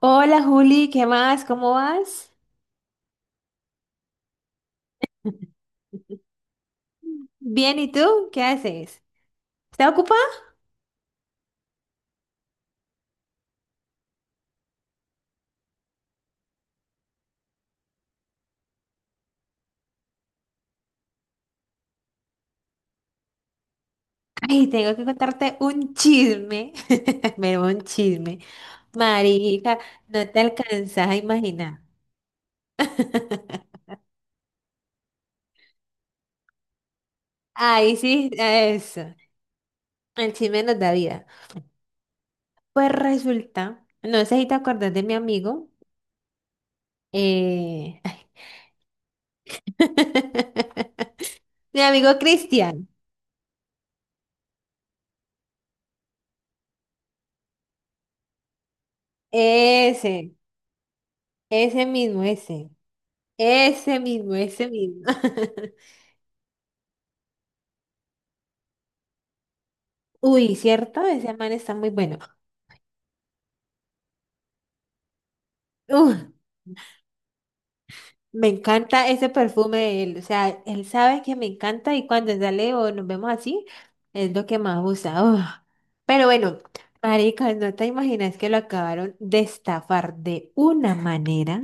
Hola Juli, ¿qué más? ¿Cómo vas? Bien, ¿y tú? ¿Qué haces? ¿Estás ocupada? Ay, tengo que contarte un chisme. Me dio un chisme. Marica, no te alcanzas a imaginar. Ay, sí, eso. El chisme nos da vida. Pues resulta, no sé si te acordás de mi amigo. eh, Mi amigo Cristian. Ese, ese mismo, ese. Ese mismo, ese mismo. Uy, ¿cierto? Ese man está muy bueno. Uf, me encanta ese perfume de él. O sea, él sabe que me encanta y cuando sale o nos vemos así, es lo que más gusta. Uf. Pero bueno, marica, no te imaginas que lo acabaron de estafar de una manera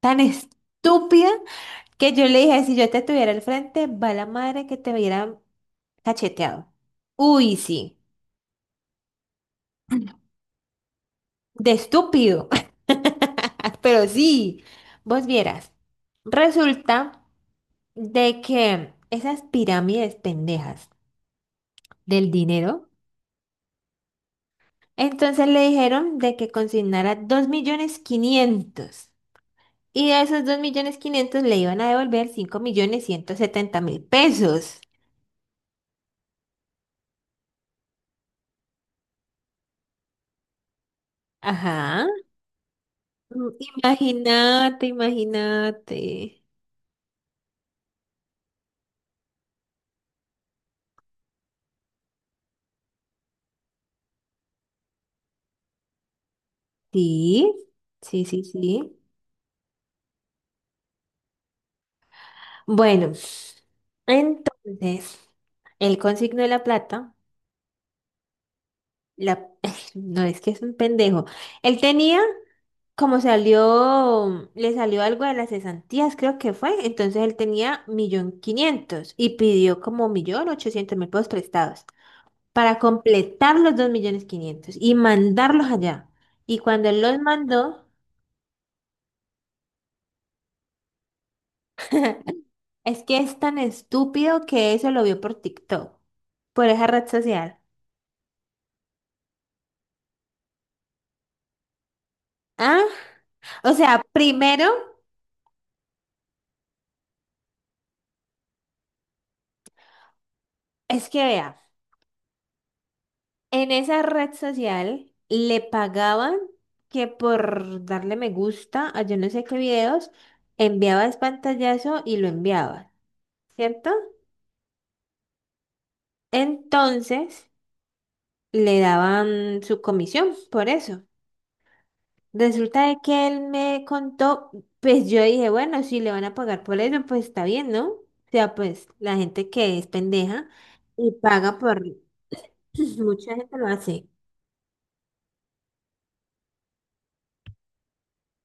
tan estúpida que yo le dije, si yo te tuviera al frente, va la madre que te hubiera cacheteado. Uy, sí. De estúpido. Pero sí, vos vieras. Resulta de que esas pirámides pendejas del dinero, entonces le dijeron de que consignara 2.500.000. Y de esos 2.500.000 le iban a devolver 5.170.000 pesos. Ajá. Mm. Imagínate, imagínate. Sí, sí, sí, sí. Bueno, entonces, él consignó la plata. La... No es que es un pendejo. Él tenía, como salió, le salió algo de las cesantías, creo que fue. Entonces él tenía 1.500.000 y pidió como 1.800.000 pesos prestados para completar los 2.500.000 y mandarlos allá. Y cuando él los mandó, es que es tan estúpido que eso lo vio por TikTok, por esa red social. ¿Ah? O sea, primero es que vea, en esa red social le pagaban que por darle me gusta a yo no sé qué videos, enviabas pantallazo y lo enviabas, ¿cierto? Entonces le daban su comisión por eso. Resulta de que él me contó, pues yo dije, bueno, si le van a pagar por eso, pues está bien, ¿no? O sea, pues la gente que es pendeja y paga por... Mucha gente lo hace.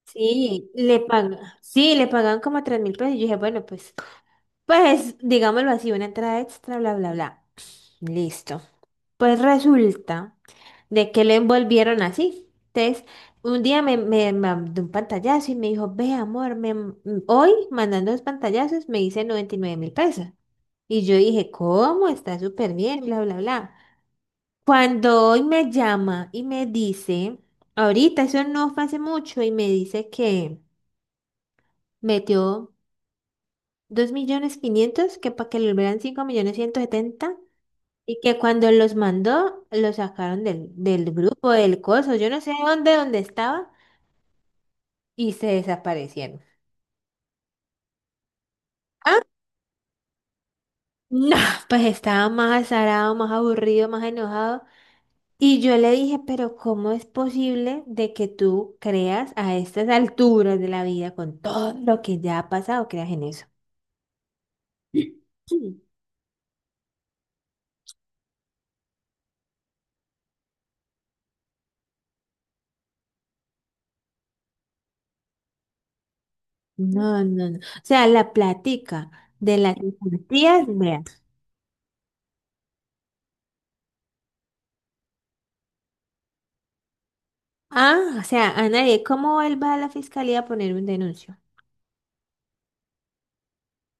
Sí, le pagan, sí, le pagaban como 3.000 pesos. Y yo dije, bueno, pues, digámoslo así, una entrada extra, bla, bla, bla. Listo. Pues resulta de que lo envolvieron así. Entonces, un día me mandó un pantallazo y me dijo, ve, amor, hoy mandando los pantallazos me hice 99.000 pesos. Y yo dije, ¿cómo? Está súper bien, bla, bla, bla. Cuando hoy me llama y me dice, ahorita, eso no fue hace mucho, y me dice que metió 2.500.000, que para que lo vean 5.170.000, y que cuando los mandó, lo sacaron del grupo, del coso, yo no sé dónde, estaba, y se desaparecieron. No, pues estaba más azarado, más aburrido, más enojado. Y yo le dije, pero ¿cómo es posible de que tú creas a estas alturas de la vida con todo lo que ya ha pasado, creas en eso? Sí. No, no, no. O sea, la plática de las injusticias. Ah, o sea, a nadie. ¿Cómo él va a la fiscalía a poner un denuncio?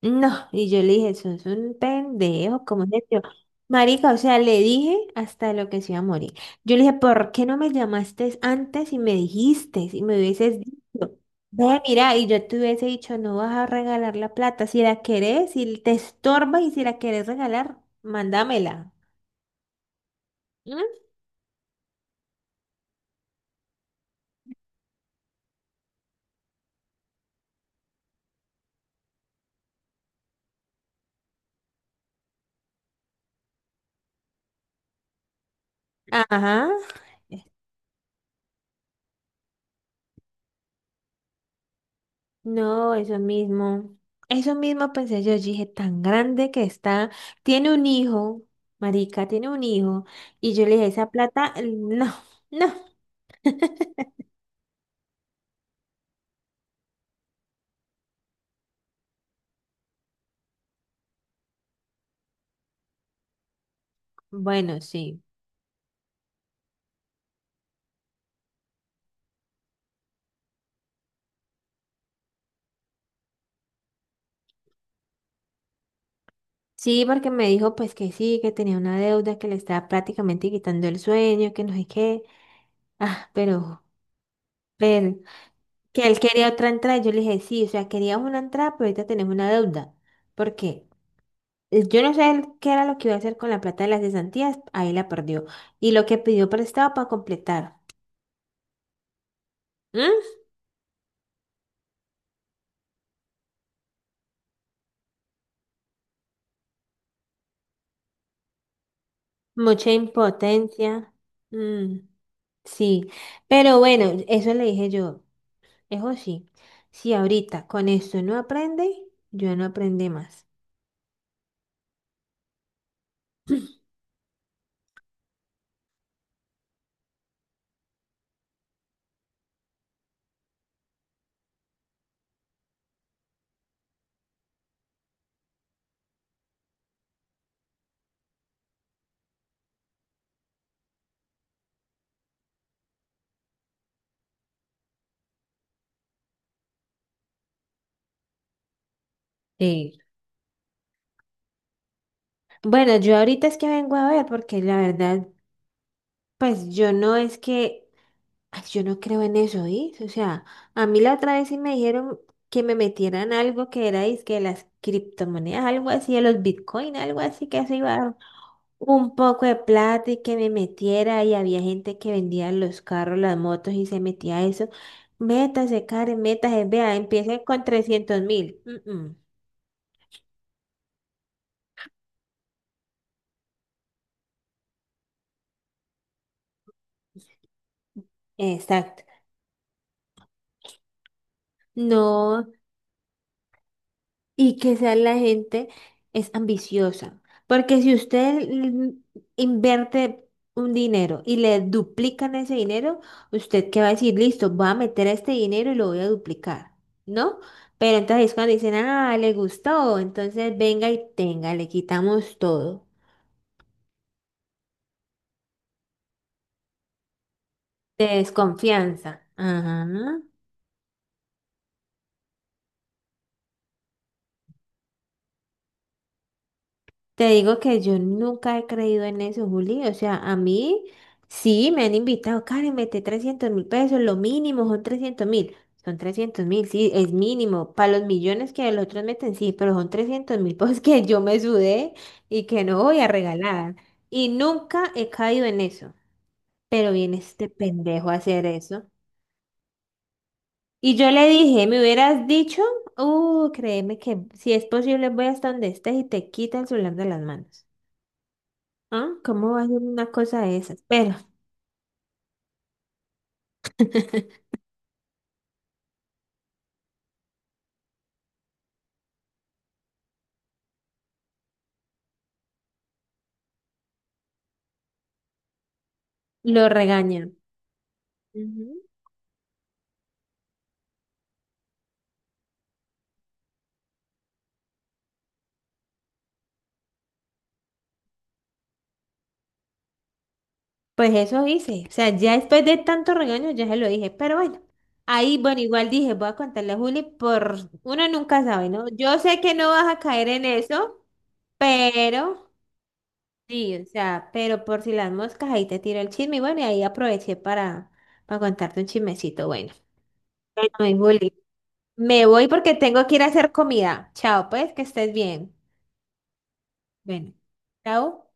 No, y yo le dije, sos un pendejo, ¿cómo es esto? Marica, o sea, le dije hasta lo que se iba a morir. Yo le dije, ¿por qué no me llamaste antes y me dijiste, si me hubieses dicho? Ve, mira, y yo te hubiese dicho, no vas a regalar la plata, si la querés, si te estorba y si la querés regalar, mándamela. ¿Mm? Ajá. No, eso mismo. Eso mismo pensé yo, yo dije, tan grande que está, tiene un hijo, marica, tiene un hijo, y yo le dije, esa plata, no, no, bueno, sí. Sí, porque me dijo pues que sí, que tenía una deuda, que le estaba prácticamente quitando el sueño, que no sé qué. Ah, pero, pero, que él quería otra entrada, yo le dije, sí, o sea, queríamos una entrada, pero ahorita tenemos una deuda. ¿Por qué? Yo no sé él qué era lo que iba a hacer con la plata de las cesantías, ahí la perdió. Y lo que pidió prestado para completar. ¿Mm? Mucha impotencia. Mm, sí, pero bueno, eso le dije yo. Eso sí, si ahorita con esto no aprende, yo no aprendí más. Sí. Bueno, yo ahorita es que vengo a ver, porque la verdad, pues yo no es que. Ay, yo no creo en eso, ¿sí? O sea, a mí la otra vez sí me dijeron que me metieran algo que era dizque de las criptomonedas, algo así, de los Bitcoin, algo así, que eso iba a dar un poco de plata y que me metiera y había gente que vendía los carros, las motos y se metía a eso. Métase, Karen, métase, vea, empiece con 300.000. Mm, mm. Exacto. No, y que sea, la gente es ambiciosa. Porque si usted invierte un dinero y le duplican ese dinero, usted qué va a decir, listo, voy a meter este dinero y lo voy a duplicar, ¿no? Pero entonces cuando dicen, ah, le gustó, entonces venga y tenga, le quitamos todo. Desconfianza. Ajá. Te digo que yo nunca he creído en eso, Juli. O sea, a mí sí me han invitado, Karen, mete 300.000 pesos, lo mínimo son 300.000. Son 300 mil, sí, es mínimo. Para los millones que los otros meten, sí, pero son 300.000 pesos que yo me sudé y que no voy a regalar. Y nunca he caído en eso. Pero viene este pendejo a hacer eso. Y yo le dije, me hubieras dicho, créeme que si es posible voy hasta donde estés y te quita el celular de las manos. Ah, ¿cómo va a ser una cosa de esas? Pero lo regañan. Ujú. Pues eso hice. O sea, ya después de tanto regaño, ya se lo dije. Pero bueno, ahí, bueno, igual dije, voy a contarle a Juli por... Uno nunca sabe, ¿no? Yo sé que no vas a caer en eso, pero... Sí, o sea, pero por si las moscas, ahí te tiro el chisme. Y bueno, y ahí aproveché para, contarte un chismecito. Bueno, bueno, mi Juli, me voy porque tengo que ir a hacer comida. Chao, pues, que estés bien. Bueno, chao.